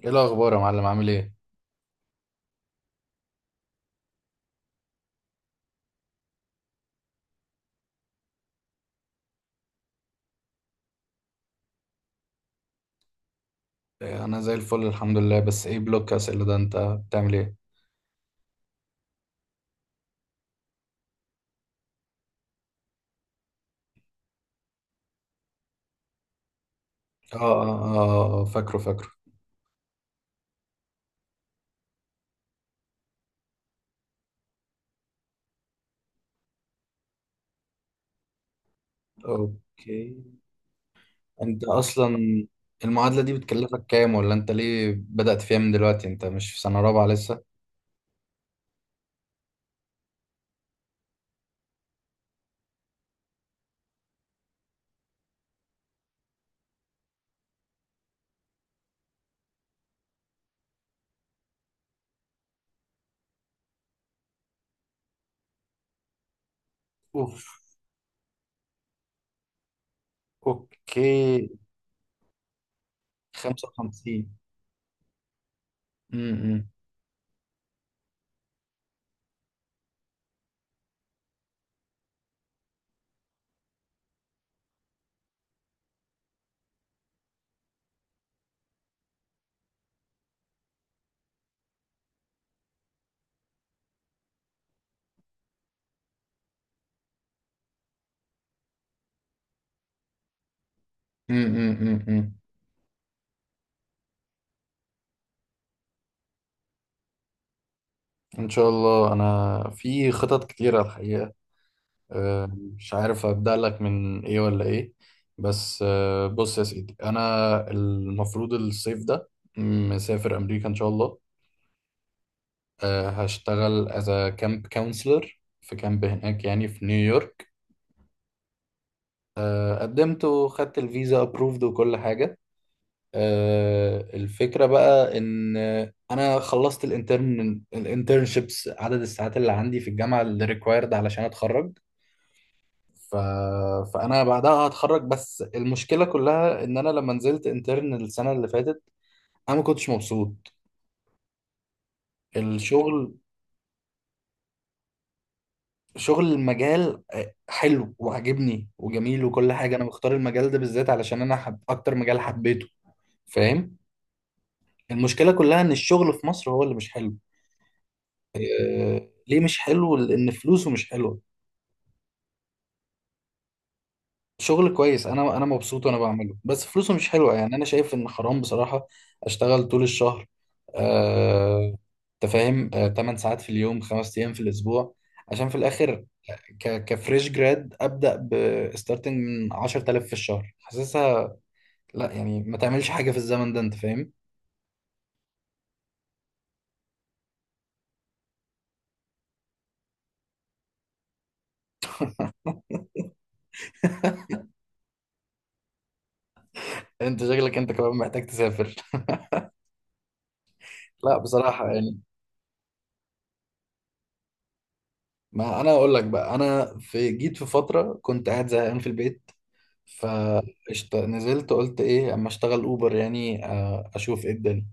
ايه الاخبار يا معلم، عامل ايه؟ إيه، انا زي الفل الحمد لله. بس ايه بلوك اسئله ده؟ انت بتعمل ايه؟ اه آه، فاكره فاكره. اوكي، انت اصلا المعادله دي بتكلفك كام؟ ولا انت ليه بدأت فيها من دلوقتي؟ انت مش في سنه رابعه لسه؟ اوف. اوكي. 55. امم امم امم امم ان شاء الله، انا في خطط كتيره الحقيقه. آه، مش عارف أبدأ لك من إيه ولا إيه. بس آه، بص يا سيدي، أنا المفروض الصيف ده مسافر أمريكا إن شاء الله. آه، هشتغل as a camp counselor في كامب هناك يعني في نيويورك. آه، قدمت وخدت الفيزا approved وكل حاجة. آه، الفكرة بقى إن أنا خلصت الانترن الانترنشيبس، عدد الساعات اللي عندي في الجامعة اللي required علشان أتخرج. ف... فانا بعدها هتخرج. بس المشكله كلها ان انا لما نزلت انترن السنه اللي فاتت انا ما كنتش مبسوط الشغل. شغل المجال آه، حلو وعاجبني وجميل وكل حاجه. انا مختار المجال ده بالذات علشان انا اكتر مجال حبيته. فاهم. المشكله كلها ان الشغل في مصر هو اللي مش حلو. إيه، ليه مش حلو؟ لان فلوسه مش حلوه. شغل كويس، انا مبسوط وانا بعمله، بس فلوسه مش حلوه يعني. انا شايف ان حرام بصراحه. اشتغل طول الشهر آه تفاهم آه 8 ساعات في اليوم 5 ايام في الاسبوع عشان في الاخر كفريش جراد ابدا. بستارتنج من 10000 في الشهر، حاسسها لا يعني ما تعملش حاجه في الزمن ده، انت فاهم. انت شكلك انت كمان محتاج تسافر لا بصراحه يعني. ما انا اقول لك بقى، انا في جيت في فتره كنت قاعد زهقان في البيت فنزلت قلت ايه اما اشتغل اوبر يعني آه، اشوف ايه الدنيا.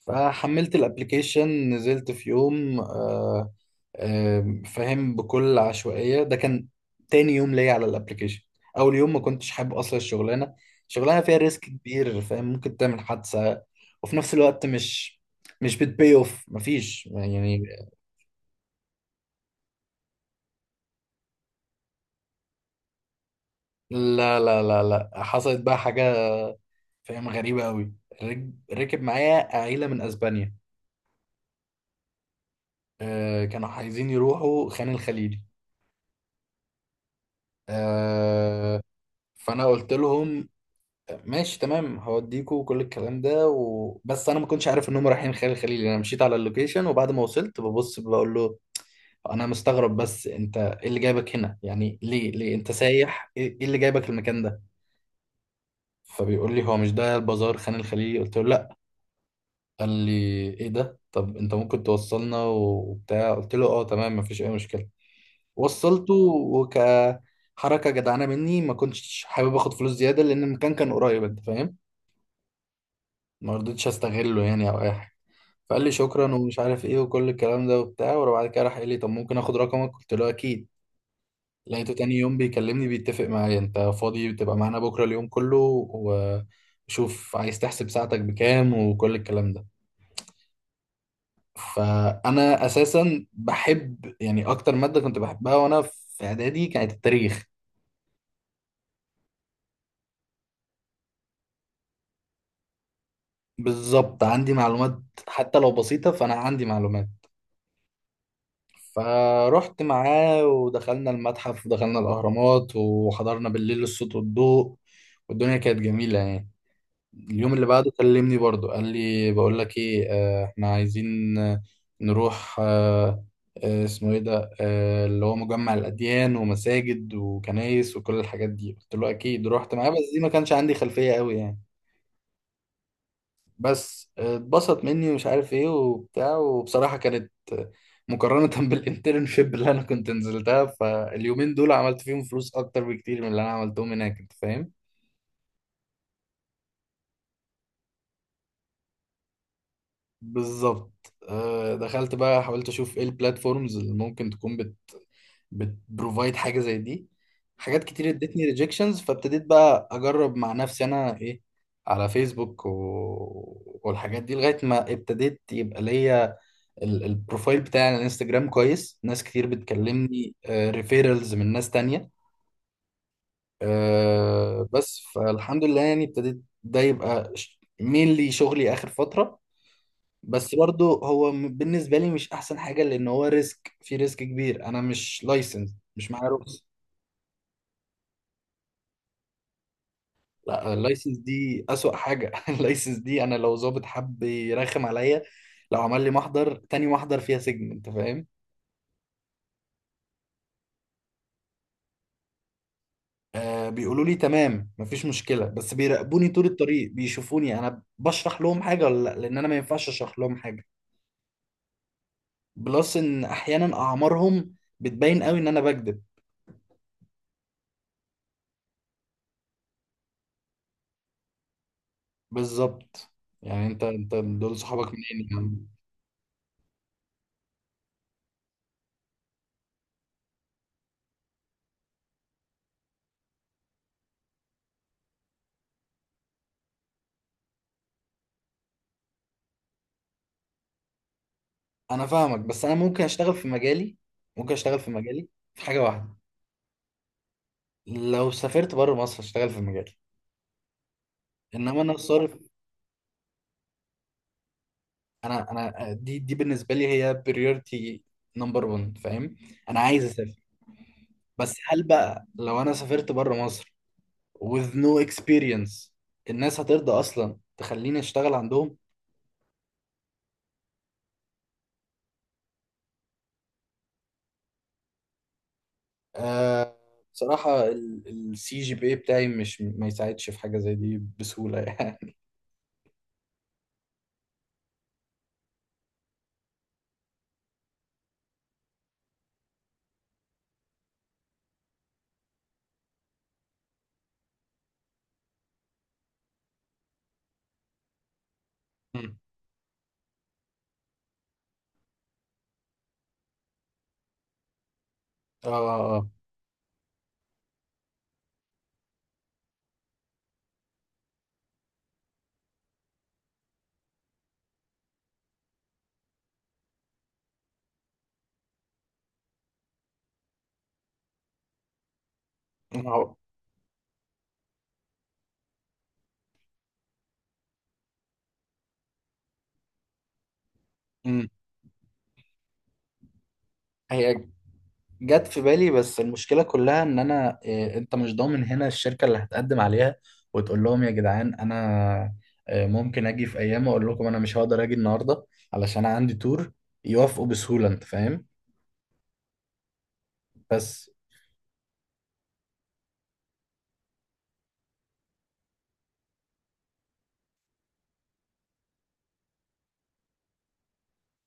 فحملت الابليكيشن، نزلت في يوم آه، آه، فاهم، بكل عشوائية. ده كان تاني يوم ليا على الابليكيشن. اول يوم ما كنتش حابب اصلا الشغلانة. شغلانة فيها ريسك كبير، فاهم، ممكن تعمل حادثة. وفي نفس الوقت مش بتبي اوف، مفيش يعني. لا لا لا لا، حصلت بقى حاجة فاهم غريبة قوي. ركب معايا عيلة من اسبانيا. آه، كانوا عايزين يروحوا خان الخليلي. آه، فانا قلت لهم ماشي تمام، هوديكوا وكل الكلام ده بس انا ما كنتش عارف انهم رايحين خان الخليلي. انا مشيت على اللوكيشن وبعد ما وصلت ببص بقول له انا مستغرب، بس انت ايه اللي جايبك هنا يعني؟ ليه انت سايح؟ ايه إيه اللي جايبك المكان ده؟ فبيقول لي هو مش ده البازار خان الخليلي؟ قلت له لا. قال لي ايه ده؟ طب انت ممكن توصلنا وبتاع؟ قلت له اه تمام، مفيش اي مشكلة. وصلته، وكحركه جدعانه مني ما كنتش حابب اخد فلوس زياده لان المكان كان قريب، انت فاهم. ما رضيتش استغله يعني او اي حاجه. فقال لي شكرا ومش عارف ايه وكل الكلام ده وبتاع، وبعد كده راح قال لي طب ممكن اخد رقمك؟ قلت له اكيد. لقيته تاني يوم بيكلمني بيتفق معايا انت فاضي بتبقى معانا بكره اليوم كله، وشوف عايز تحسب ساعتك بكام وكل الكلام ده. فانا اساسا بحب يعني اكتر ماده كنت بحبها وانا في اعدادي كانت التاريخ. بالظبط، عندي معلومات حتى لو بسيطة، فأنا عندي معلومات. فرحت معاه ودخلنا المتحف ودخلنا الأهرامات وحضرنا بالليل الصوت والضوء. والدنيا كانت جميلة يعني. اليوم اللي بعده كلمني برضو قال لي بقول لك إيه آه، إحنا عايزين آه، نروح آه، آه، اسمه إيه ده آه، اللي هو مجمع الأديان ومساجد وكنايس وكل الحاجات دي. قلت له أكيد، رحت معاه. بس دي ما كانش عندي خلفية قوي يعني. بس اتبسط مني ومش عارف ايه وبتاع. وبصراحة كانت مقارنة بالانترنشيب اللي انا كنت نزلتها، فاليومين دول عملت فيهم فلوس اكتر بكتير من اللي انا عملتهم هناك، انت فاهم. بالظبط. آه، دخلت بقى حاولت اشوف ايه البلاتفورمز اللي ممكن تكون بتبروفايد حاجة زي دي. حاجات كتير ادتني ريجكشنز، فابتديت بقى اجرب مع نفسي انا ايه على فيسبوك والحاجات دي، لغاية ما ابتديت يبقى ليا البروفايل بتاعي على الانستجرام كويس. ناس كتير بتكلمني ريفيرالز من ناس تانية. آه، بس فالحمد لله يعني، ابتديت ده يبقى مينلي شغلي آخر فترة. بس برضو هو بالنسبة لي مش أحسن حاجة لأن هو ريسك، في ريسك كبير. أنا مش لايسنس، مش معايا رخص. لا، اللايسنس دي أسوأ حاجة اللايسنس دي أنا لو ظابط حب يرخم عليا، لو عمل لي محضر تاني، محضر فيها سجن، أنت فاهم. آه، بيقولوا لي تمام مفيش مشكلة بس بيراقبوني طول الطريق بيشوفوني أنا بشرح لهم حاجة ولا لأ، لأن أنا ما ينفعش أشرح لهم حاجة. بلس إن أحيانا أعمارهم بتبين قوي إن أنا بكذب. بالظبط. يعني أنت دول صحابك منين يعني؟ أنا فاهمك، بس أنا ممكن أشتغل في مجالي. ممكن أشتغل في مجالي في حاجة واحدة، لو سافرت بره مصر أشتغل في مجالي. إنما أنا الصرف، أنا آه، دي بالنسبة لي هي بريورتي نمبر 1، فاهم. أنا عايز أسافر. بس هل بقى لو انا سافرت بره مصر with no experience الناس هترضى اصلا تخليني اشتغل عندهم؟ آه، بصراحة السي جي بي بتاعي مش ما يساعدش في حاجة زي دي بسهولة يعني. مم. اه اه آه. مم. هي جت في بالي، بس المشكلة كلها ان انا آه، انت مش ضامن هنا الشركة اللي هتقدم عليها وتقول لهم يا جدعان انا آه، ممكن اجي في ايام اقول لكم انا مش هقدر اجي النهاردة علشان أنا عندي تور، يوافقوا بسهولة انت فاهم. بس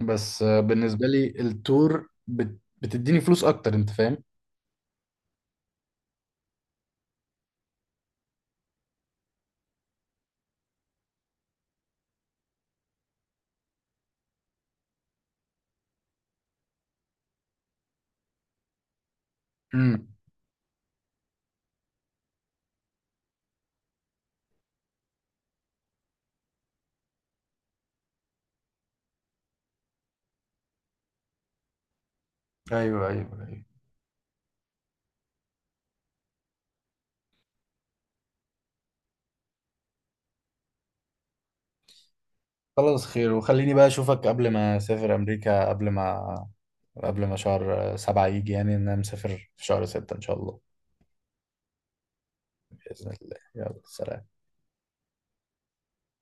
بس آه، بالنسبة لي التور بتديني فلوس اكتر انت فاهم. امم. ايوه ايوه ايوه. خلاص، خير، وخليني بقى اشوفك قبل ما اسافر امريكا، قبل ما شهر سبعة يجي، يعني ان انا مسافر في شهر ستة ان شاء الله، بإذن الله. يلا سلام.